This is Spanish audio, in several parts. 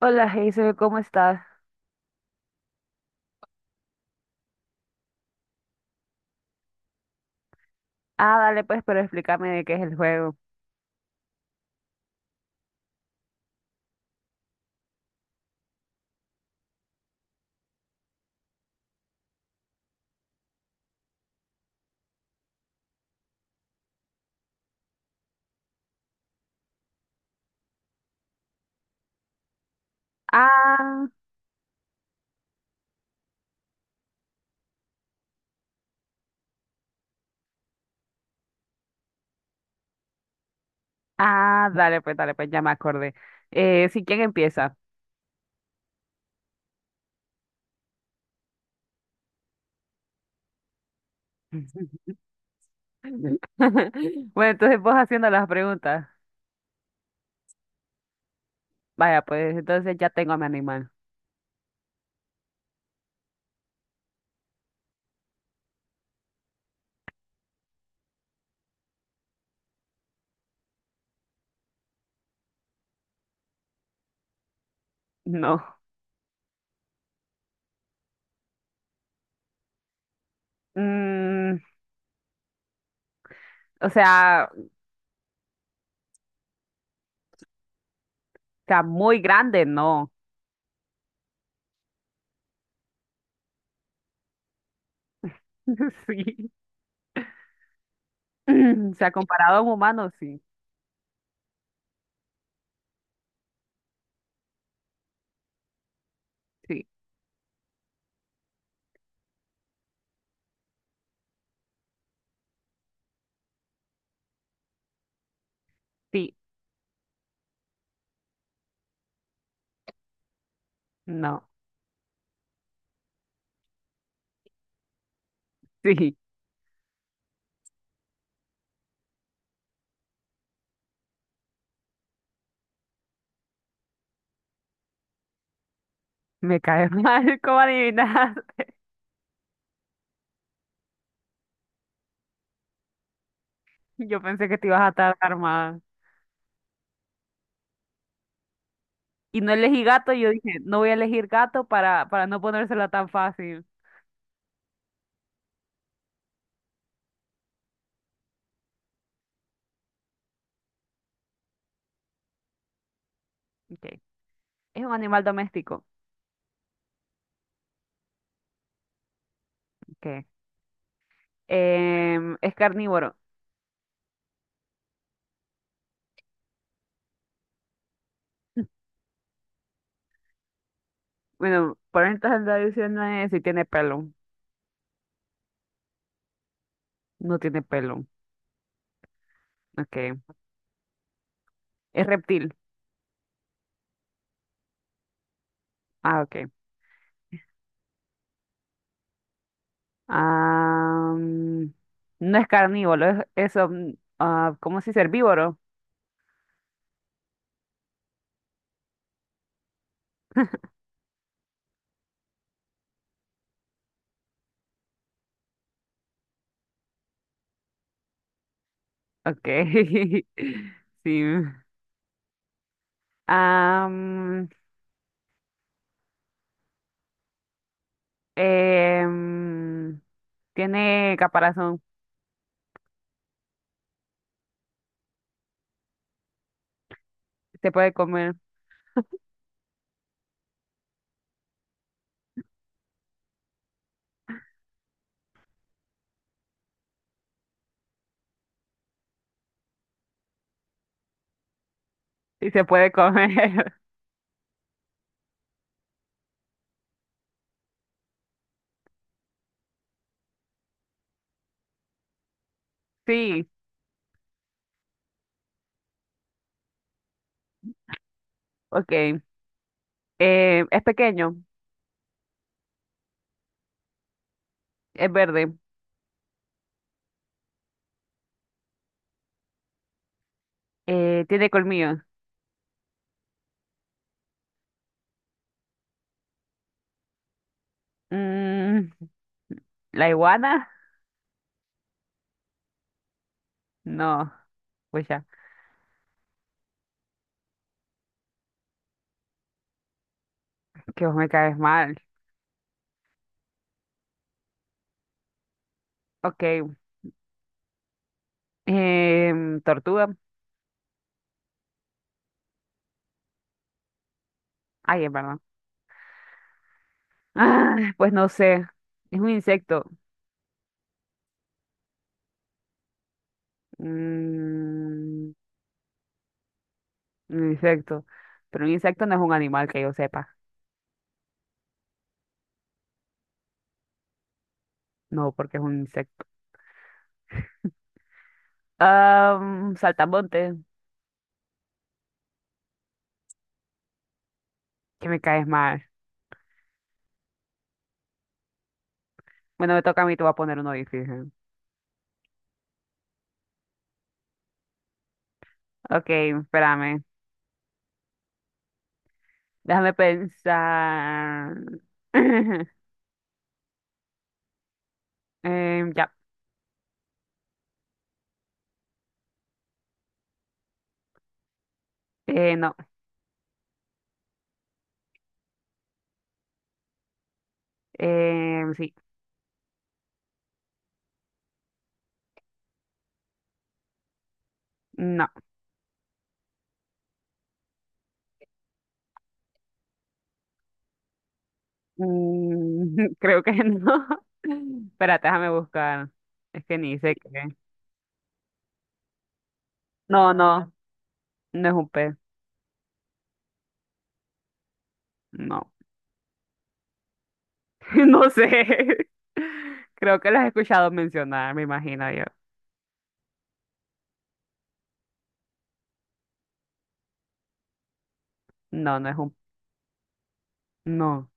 Hola, Hazel, ¿cómo estás? Ah, dale pues, pero explícame de qué es el juego. Ah, ah, dale pues, ya me acordé. Sí, ¿quién empieza? Bueno, entonces vos haciendo las preguntas. Vaya, pues entonces ya tengo a mi animal. No. Mm, o sea, muy grande, no. Sí. O sea, comparado a un humano, sí. Sí, sí, no. Sí, me cae mal, ¿cómo adivinas? Yo pensé que te ibas a tardar más. Y no elegí gato, y yo dije, no voy a elegir gato para no ponérsela tan fácil. Okay. Es un animal doméstico. Okay. Es carnívoro. Bueno, por entonces la división no si tiene pelo. No tiene pelo. Okay. Es reptil. Ah, okay. Ah, mm, no es carnívoro, es ah, ¿cómo se dice? Herbívoro. Okay. Sí. Ah, mm, em, tiene caparazón. Se puede comer. Sí se puede comer. Sí, ok. Es pequeño, es verde, tiene colmillos. Mm, ¿La iguana? No, pues ya, que vos me caes mal. Ok, ¿tortuga? Ay, es verdad. Ah, pues no sé, es un insecto. Mm, un insecto. Pero un insecto no es un animal que yo sepa. No, porque es un insecto. Ah, saltamontes, que me caes mal. Bueno, me toca a mí, te voy a poner uno difícil. Ok, espérame. Déjame pensar. Ya. No. Sí. No. Creo que no. Espérate, déjame buscar. Es que ni sé qué. No, no. No es un pez. No. No sé. Creo que lo has escuchado mencionar, me imagino yo. No, no es un... No.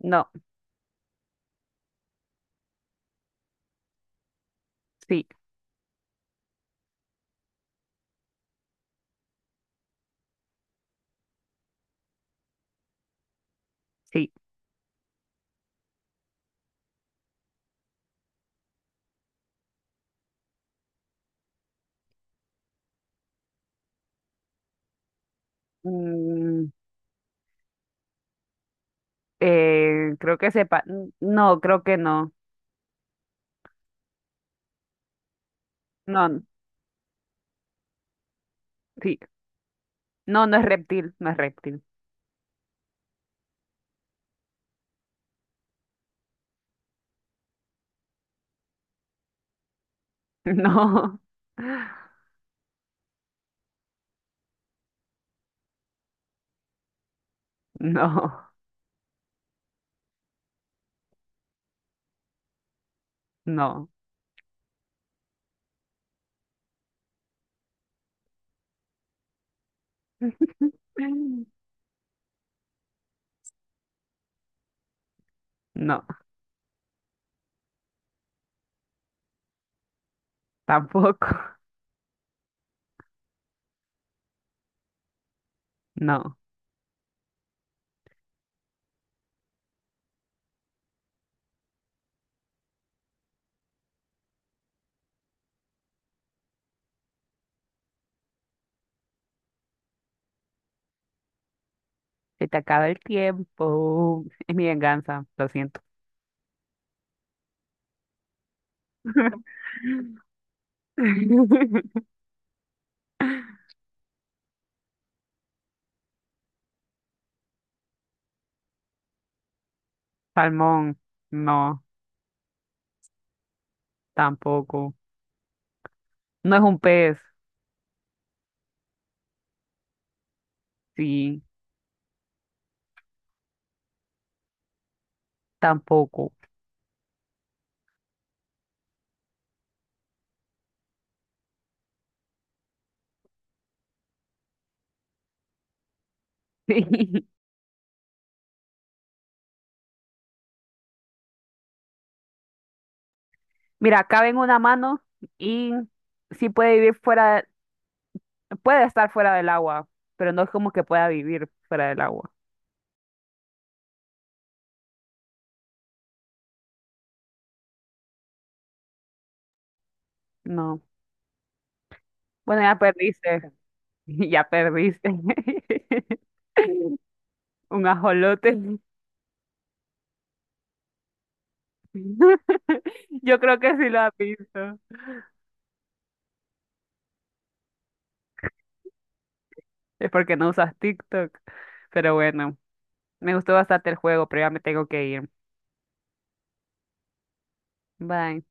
No. Sí. Sí. Mm, creo que sepa. No, creo que no. No. Sí. No, no es reptil, no es reptil. No, no, no. No, tampoco. No. Se te acaba el tiempo. Es mi venganza, lo siento. Salmón, no, tampoco. No es un pez, sí, tampoco. Mira, cabe en una mano y sí puede vivir fuera, puede estar fuera del agua, pero no es como que pueda vivir fuera del agua. No. Bueno, ya perdiste. Y ya perdiste. Un ajolote. Yo creo que sí lo has visto. Es porque no usas TikTok. Pero bueno, me gustó bastante el juego, pero ya me tengo que ir. Bye.